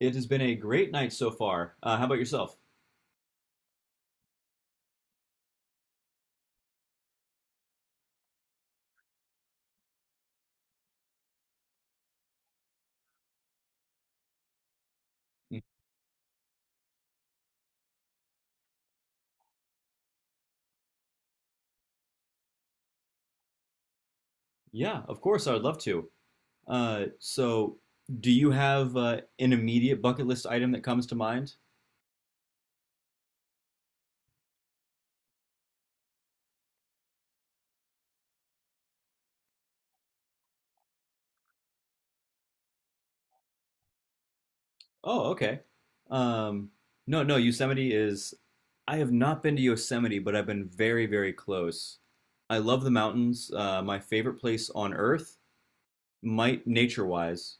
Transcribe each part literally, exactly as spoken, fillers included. It has been a great night so far. Uh, how about yourself? Yeah, of course, I would love to. Uh, so, do you have uh, an immediate bucket list item that comes to mind? Oh, okay. Um, no, no, Yosemite is. I have not been to Yosemite, but I've been very, very close. I love the mountains. Uh, my favorite place on earth, might nature-wise,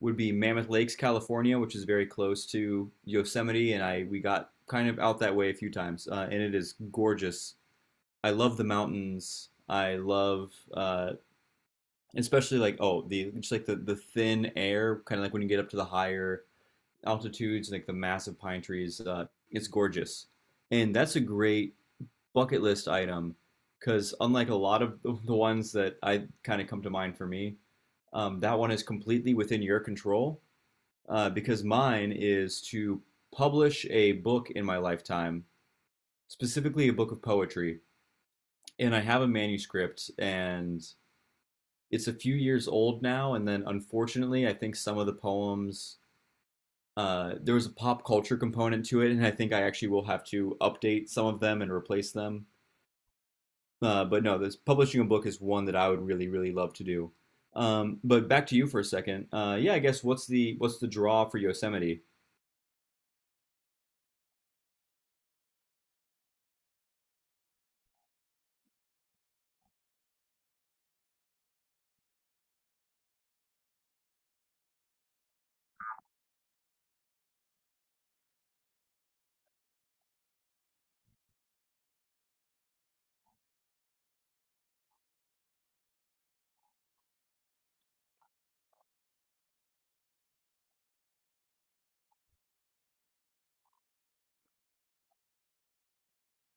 would be Mammoth Lakes, California, which is very close to Yosemite, and I we got kind of out that way a few times, uh, and it is gorgeous. I love the mountains. I love, uh, especially like oh the just like the the thin air, kind of like when you get up to the higher altitudes, like the massive pine trees. Uh, it's gorgeous, and that's a great bucket list item because unlike a lot of the ones that I kind of come to mind for me, um, that one is completely within your control. Uh, because mine is to publish a book in my lifetime, specifically a book of poetry, and I have a manuscript, and it's a few years old now, and then unfortunately, I think some of the poems uh, there was a pop culture component to it, and I think I actually will have to update some of them and replace them. Uh, but no, this publishing a book is one that I would really, really love to do. Um, but back to you for a second. Uh, yeah, I guess what's the what's the draw for Yosemite?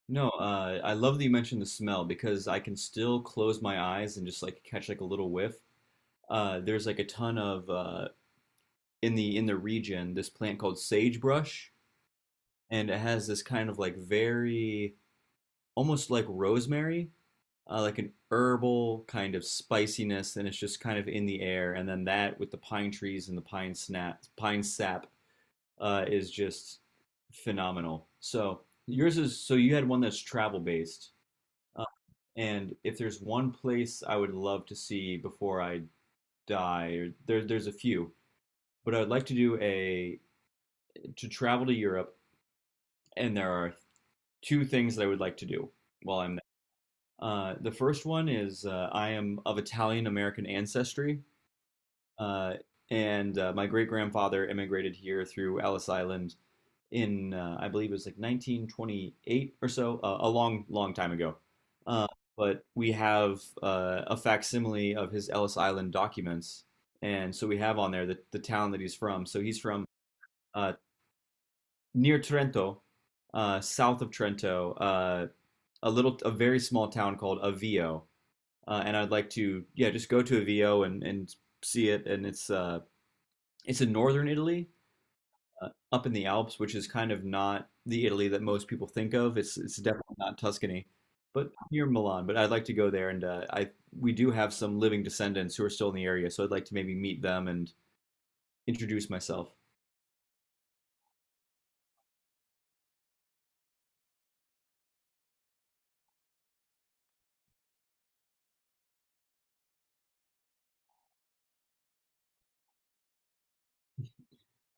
No, uh, I love that you mentioned the smell because I can still close my eyes and just like catch like a little whiff. Uh, there's like a ton of uh, in the in the region this plant called sagebrush and it has this kind of like very almost like rosemary, uh, like an herbal kind of spiciness, and it's just kind of in the air. And then that with the pine trees and the pine snap, pine sap, uh, is just phenomenal. So yours is so you had one that's travel based, uh, and if there's one place I would love to see before I die, or there there's a few, but I would like to do a to travel to Europe, and there are two things that I would like to do while I'm Uh, the first one is uh, I am of Italian American ancestry, uh, and uh, my great grandfather immigrated here through Ellis Island in, uh, I believe it was like nineteen twenty-eight or so, uh, a long, long time ago. Uh, but we have uh, a facsimile of his Ellis Island documents, and so we have on there the, the town that he's from. So he's from uh, near Trento, uh, south of Trento, uh, a little, a very small town called Avio, uh, and I'd like to yeah just go to a V O and and see it. And it's uh, it's in northern Italy, uh, up in the Alps, which is kind of not the Italy that most people think of. It's it's definitely not Tuscany, but near Milan. But I'd like to go there, and uh, I we do have some living descendants who are still in the area, so I'd like to maybe meet them and introduce myself.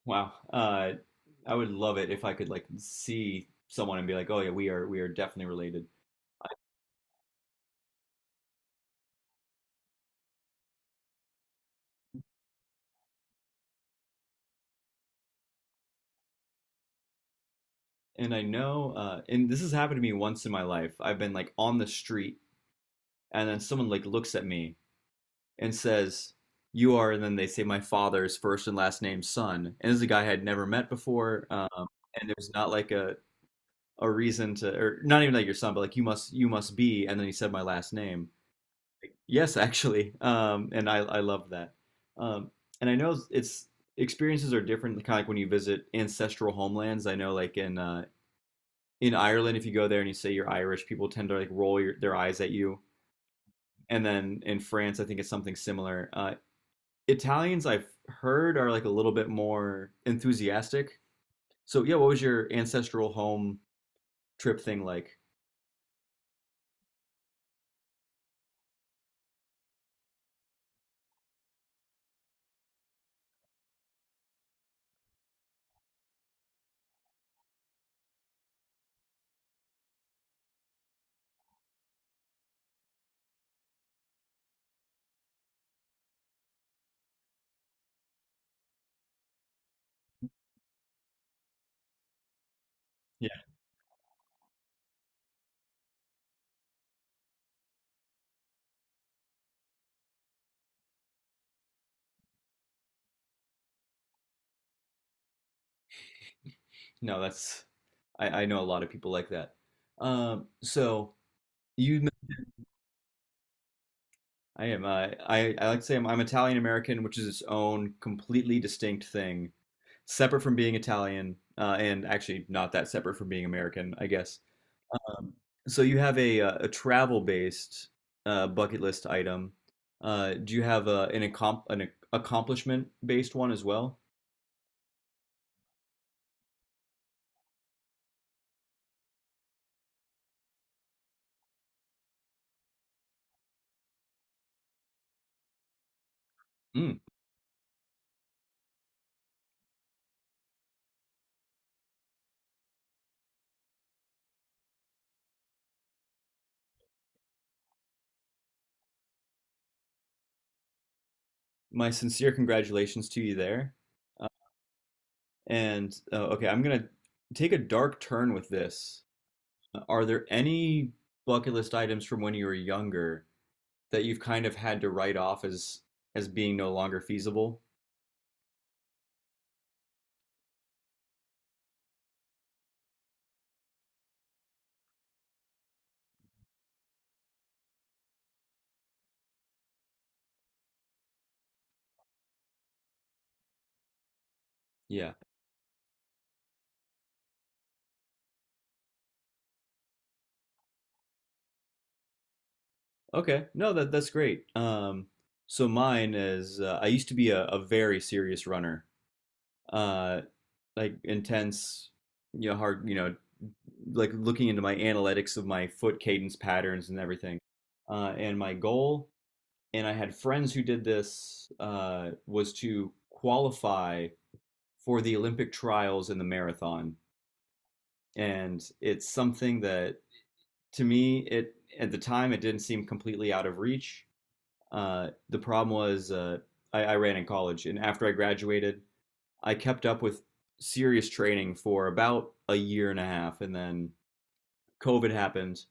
Wow, uh, I would love it if I could like see someone and be like, oh yeah, we are we are definitely related. And I know, uh, and this has happened to me once in my life. I've been like on the street and then someone like looks at me and says, "You are," and then they say my father's first and last name, son, and this is a guy I had never met before, um, and there's not like a a reason to, or not even like your son, but like you must you must be, and then he said my last name. Yes, actually, um, and I I love that, um, and I know it's experiences are different, kind of like when you visit ancestral homelands. I know like in uh, in Ireland, if you go there and you say you're Irish, people tend to like roll your, their eyes at you. And then in France, I think it's something similar. Uh, Italians I've heard are like a little bit more enthusiastic. So yeah, what was your ancestral home trip thing like? Yeah, no, that's I, I know a lot of people like that. Um, so you, I am uh, I I like to say I'm, I'm Italian American, which is its own completely distinct thing, separate from being Italian, uh, and actually not that separate from being American, I guess. Um, so you have a uh, a travel based uh, bucket list item. Uh, do you have uh, an accom an accomplishment based one as well? Mm. My sincere congratulations to you there. Uh, and uh, okay, I'm gonna take a dark turn with this. Uh, Are there any bucket list items from when you were younger that you've kind of had to write off as as being no longer feasible? Yeah. Okay. No, that that's great. Um, so mine is uh, I used to be a, a very serious runner. Uh, like intense, you know, hard, you know, like looking into my analytics of my foot cadence patterns and everything. Uh, and my goal, and I had friends who did this, uh, was to qualify for the Olympic trials in the marathon. And it's something that to me, it at the time it didn't seem completely out of reach. Uh, the problem was uh, I, I ran in college, and after I graduated, I kept up with serious training for about a year and a half, and then COVID happened,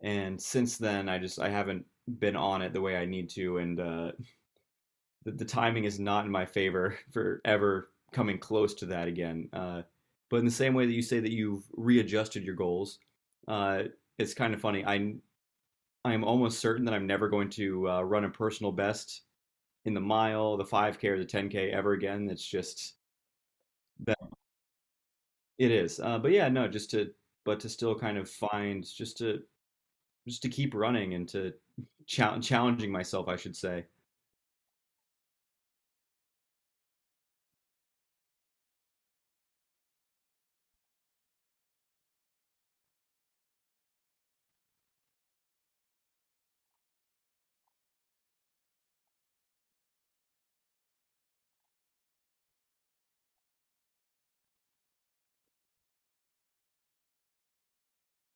and since then I just I haven't been on it the way I need to, and uh, the, the timing is not in my favor for ever coming close to that again. Uh, but in the same way that you say that you've readjusted your goals, uh, it's kind of funny. I I am almost certain that I'm never going to uh, run a personal best in the mile, the five K or the ten K ever again. It's just that it is. Uh, but yeah, no, just to but to still kind of find just to just to keep running and to chal- challenging myself, I should say.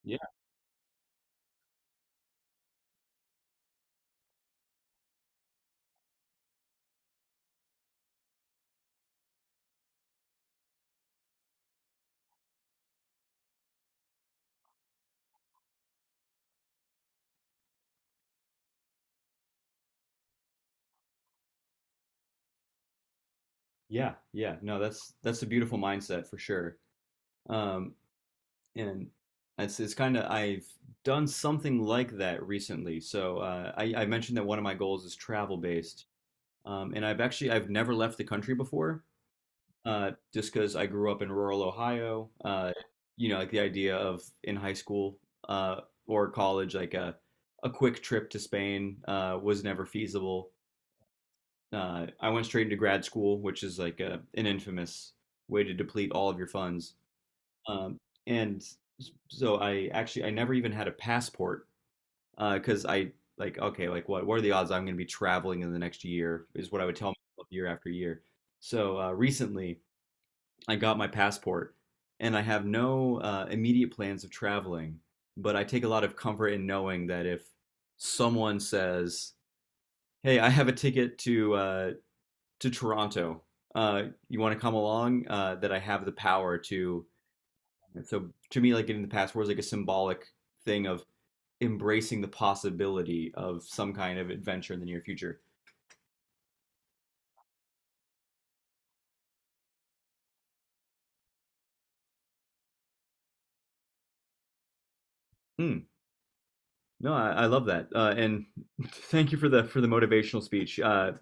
Yeah, yeah, yeah. No, that's that's a beautiful mindset for sure. Um, and it's it's kind of I've done something like that recently. So uh, I, I mentioned that one of my goals is travel based, um, and I've actually I've never left the country before. Uh, just because I grew up in rural Ohio. Uh, you know, like the idea of in high school uh, or college, like a a quick trip to Spain uh, was never feasible. Uh, I went straight into grad school, which is like a, an infamous way to deplete all of your funds. Um, and so I actually I never even had a passport because I like okay like what what are the odds I'm going to be traveling in the next year is what I would tell myself year after year. So uh, recently. I got my passport, and I have no uh, immediate plans of traveling, but I take a lot of comfort in knowing that if someone says, "Hey, I have a ticket to uh, to Toronto. Uh, you want to come along?" Uh, that I have the power to. And so to me, like getting the passport is like a symbolic thing of embracing the possibility of some kind of adventure in the near future. Hmm. No, I, I love that, uh, and thank you for the for the motivational speech. Uh,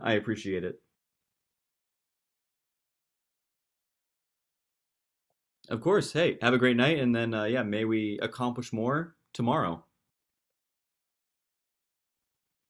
I appreciate it. Of course. Hey, have a great night, and then uh, yeah, may we accomplish more tomorrow.